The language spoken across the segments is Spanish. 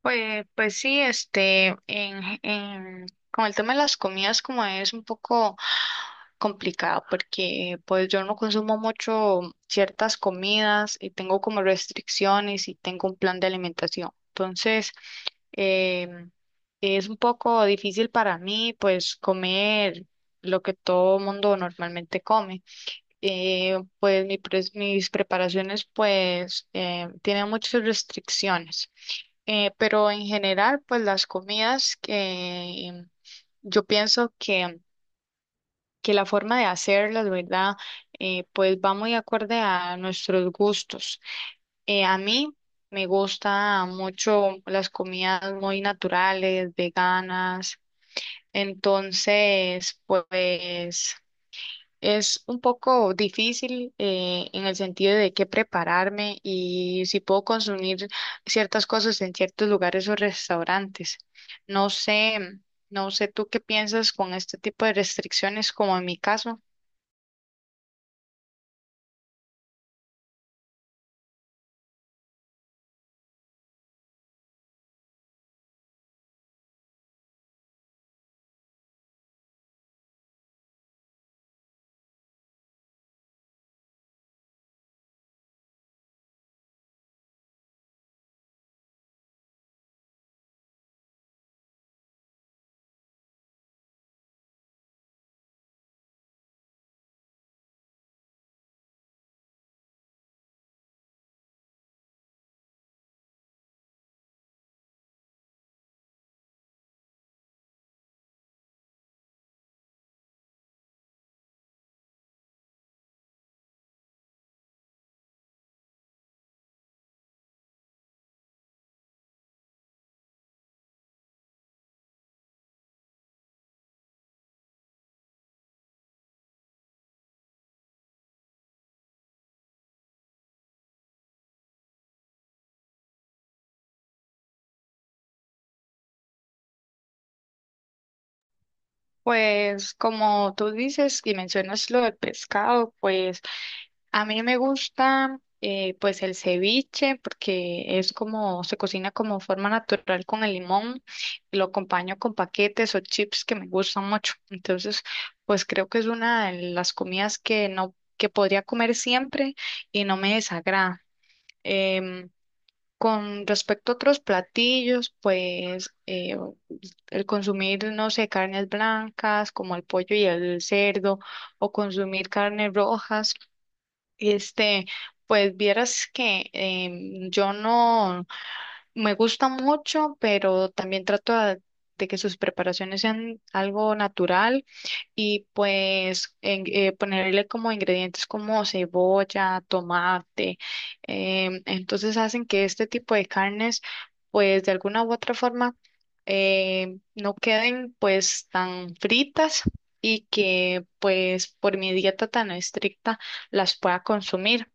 Pues sí, con el tema de las comidas como es un poco complicado porque pues yo no consumo mucho ciertas comidas y tengo como restricciones y tengo un plan de alimentación. Entonces, em, es un poco difícil para mí pues comer lo que todo mundo normalmente come. Pues mis preparaciones pues tienen muchas restricciones. Pero en general, pues las comidas que yo pienso que la forma de hacerlas, ¿verdad? Pues va muy acorde a nuestros gustos. A mí me gusta mucho las comidas muy naturales, veganas. Entonces, pues es un poco difícil en el sentido de qué prepararme y si puedo consumir ciertas cosas en ciertos lugares o restaurantes. No sé, no sé tú qué piensas con este tipo de restricciones, como en mi caso. Pues como tú dices y mencionas lo del pescado, pues a mí me gusta pues el ceviche porque es como se cocina como forma natural con el limón y lo acompaño con paquetes o chips que me gustan mucho. Entonces, pues creo que es una de las comidas que no que podría comer siempre y no me desagrada. Em, con respecto a otros platillos, pues el consumir, no sé, carnes blancas como el pollo y el cerdo o consumir carnes rojas, este, pues vieras que yo no me gusta mucho, pero también trato de que sus preparaciones sean algo natural y pues ponerle como ingredientes como cebolla, tomate. Entonces hacen que este tipo de carnes pues de alguna u otra forma no queden pues tan fritas y que pues por mi dieta tan estricta las pueda consumir.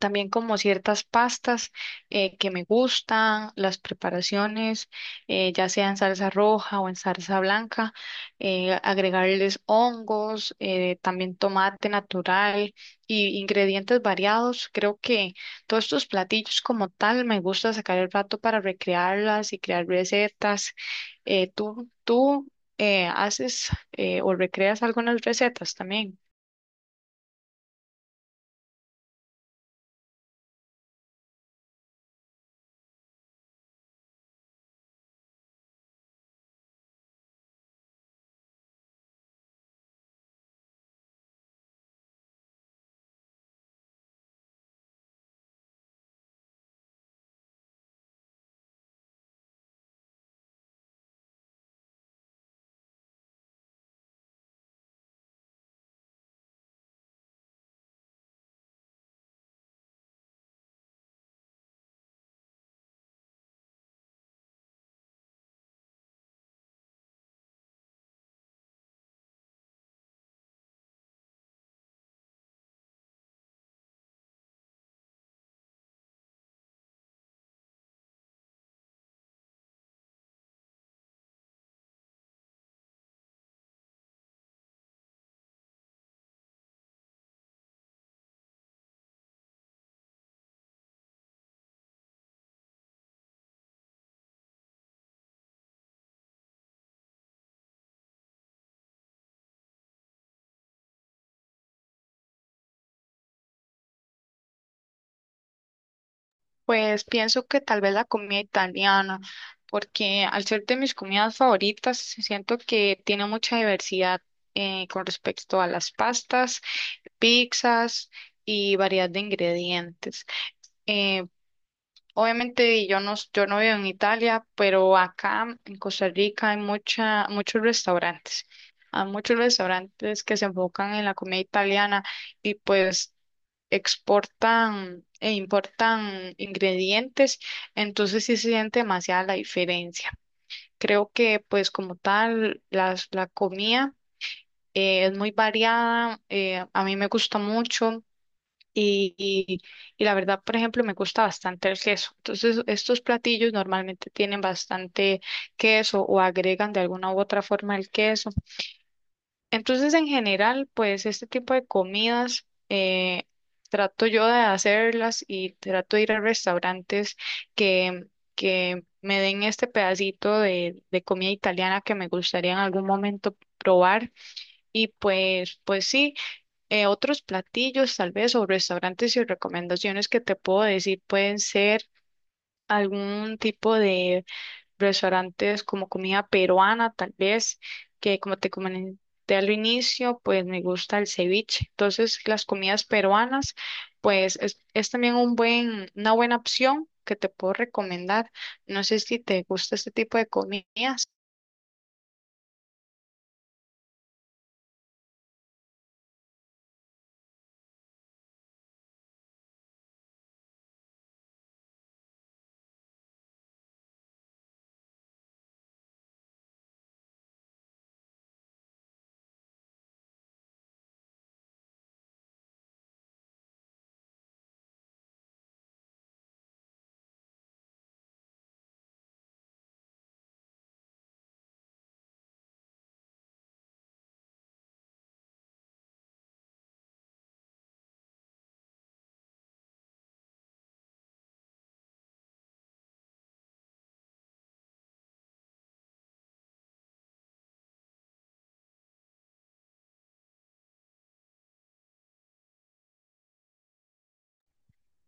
También como ciertas pastas que me gustan, las preparaciones, ya sea en salsa roja o en salsa blanca, agregarles hongos, también tomate natural y ingredientes variados. Creo que todos estos platillos como tal me gusta sacar el rato para recrearlas y crear recetas. ¿Tú haces o recreas algunas recetas también? Pues pienso que tal vez la comida italiana, porque al ser de mis comidas favoritas, siento que tiene mucha diversidad con respecto a las pastas, pizzas y variedad de ingredientes. Eh, Obviamente yo no vivo en Italia, pero acá en Costa Rica hay mucha, muchos restaurantes. Hay muchos restaurantes que se enfocan en la comida italiana y pues exportan e importan ingredientes, entonces sí se siente demasiada la diferencia. Creo que pues como tal la comida es muy variada, a mí me gusta mucho y, y, y la verdad, por ejemplo, me gusta bastante el queso. Entonces estos platillos normalmente tienen bastante queso o agregan de alguna u otra forma el queso. Entonces, en general, pues este tipo de comidas trato yo de hacerlas y trato de ir a restaurantes que, que me den este pedacito de comida italiana que me gustaría en algún momento probar. Y pues sí, otros platillos tal vez o restaurantes y recomendaciones que te puedo decir pueden ser algún tipo de restaurantes como comida peruana, tal vez, que como te comenté al inicio, pues me gusta el ceviche. Entonces, las comidas peruanas, pues es también una buena opción que te puedo recomendar. No sé si te gusta este tipo de comidas.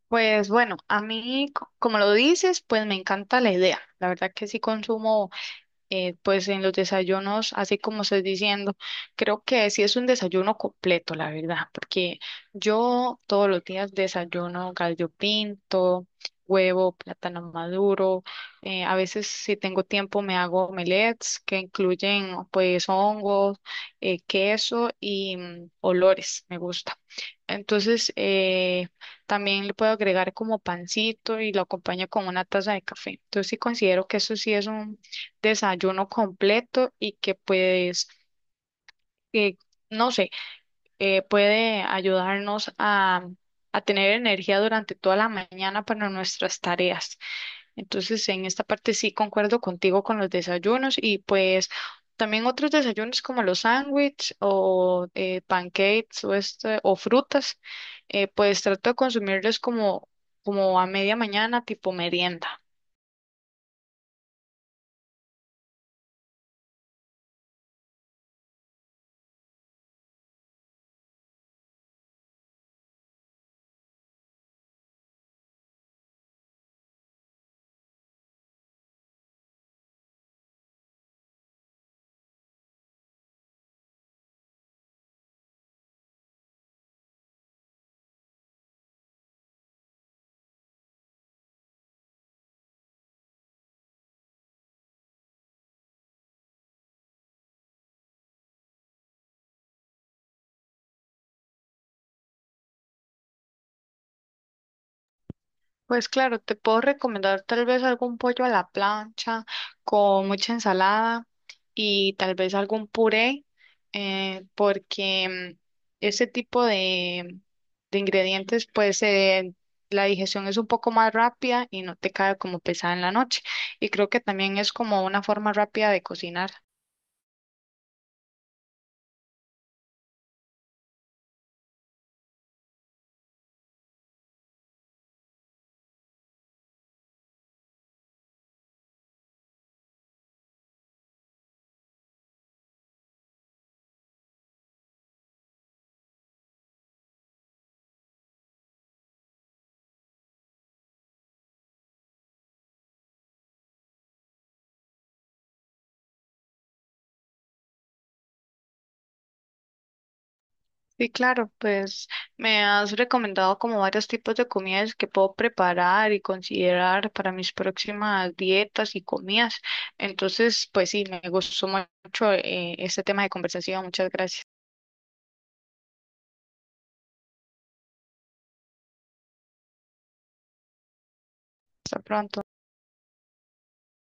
Pues bueno, a mí, como lo dices, pues me encanta la idea. La verdad que sí consumo pues en los desayunos, así como estás diciendo, creo que sí es un desayuno completo, la verdad, porque yo todos los días desayuno gallo pinto, huevo, plátano maduro, a veces si tengo tiempo me hago omelets que incluyen pues hongos, queso y mm, olores, me gusta. Entonces, también le puedo agregar como pancito y lo acompaño con una taza de café. Entonces, sí considero que eso sí es un desayuno completo y que pues, eh, no sé, puede ayudarnos a tener energía durante toda la mañana para nuestras tareas. Entonces, en esta parte sí concuerdo contigo con los desayunos y pues también otros desayunos como los sándwiches o pancakes o o frutas, pues trato de consumirlos como a media mañana, tipo merienda. Pues claro, te puedo recomendar tal vez algún pollo a la plancha con mucha ensalada y tal vez algún puré, porque ese tipo de ingredientes, pues la digestión es un poco más rápida y no te cae como pesada en la noche. Y creo que también es como una forma rápida de cocinar. Sí, claro, pues me has recomendado como varios tipos de comidas que puedo preparar y considerar para mis próximas dietas y comidas. Entonces, pues sí, me gustó mucho este tema de conversación. Muchas gracias. Hasta pronto.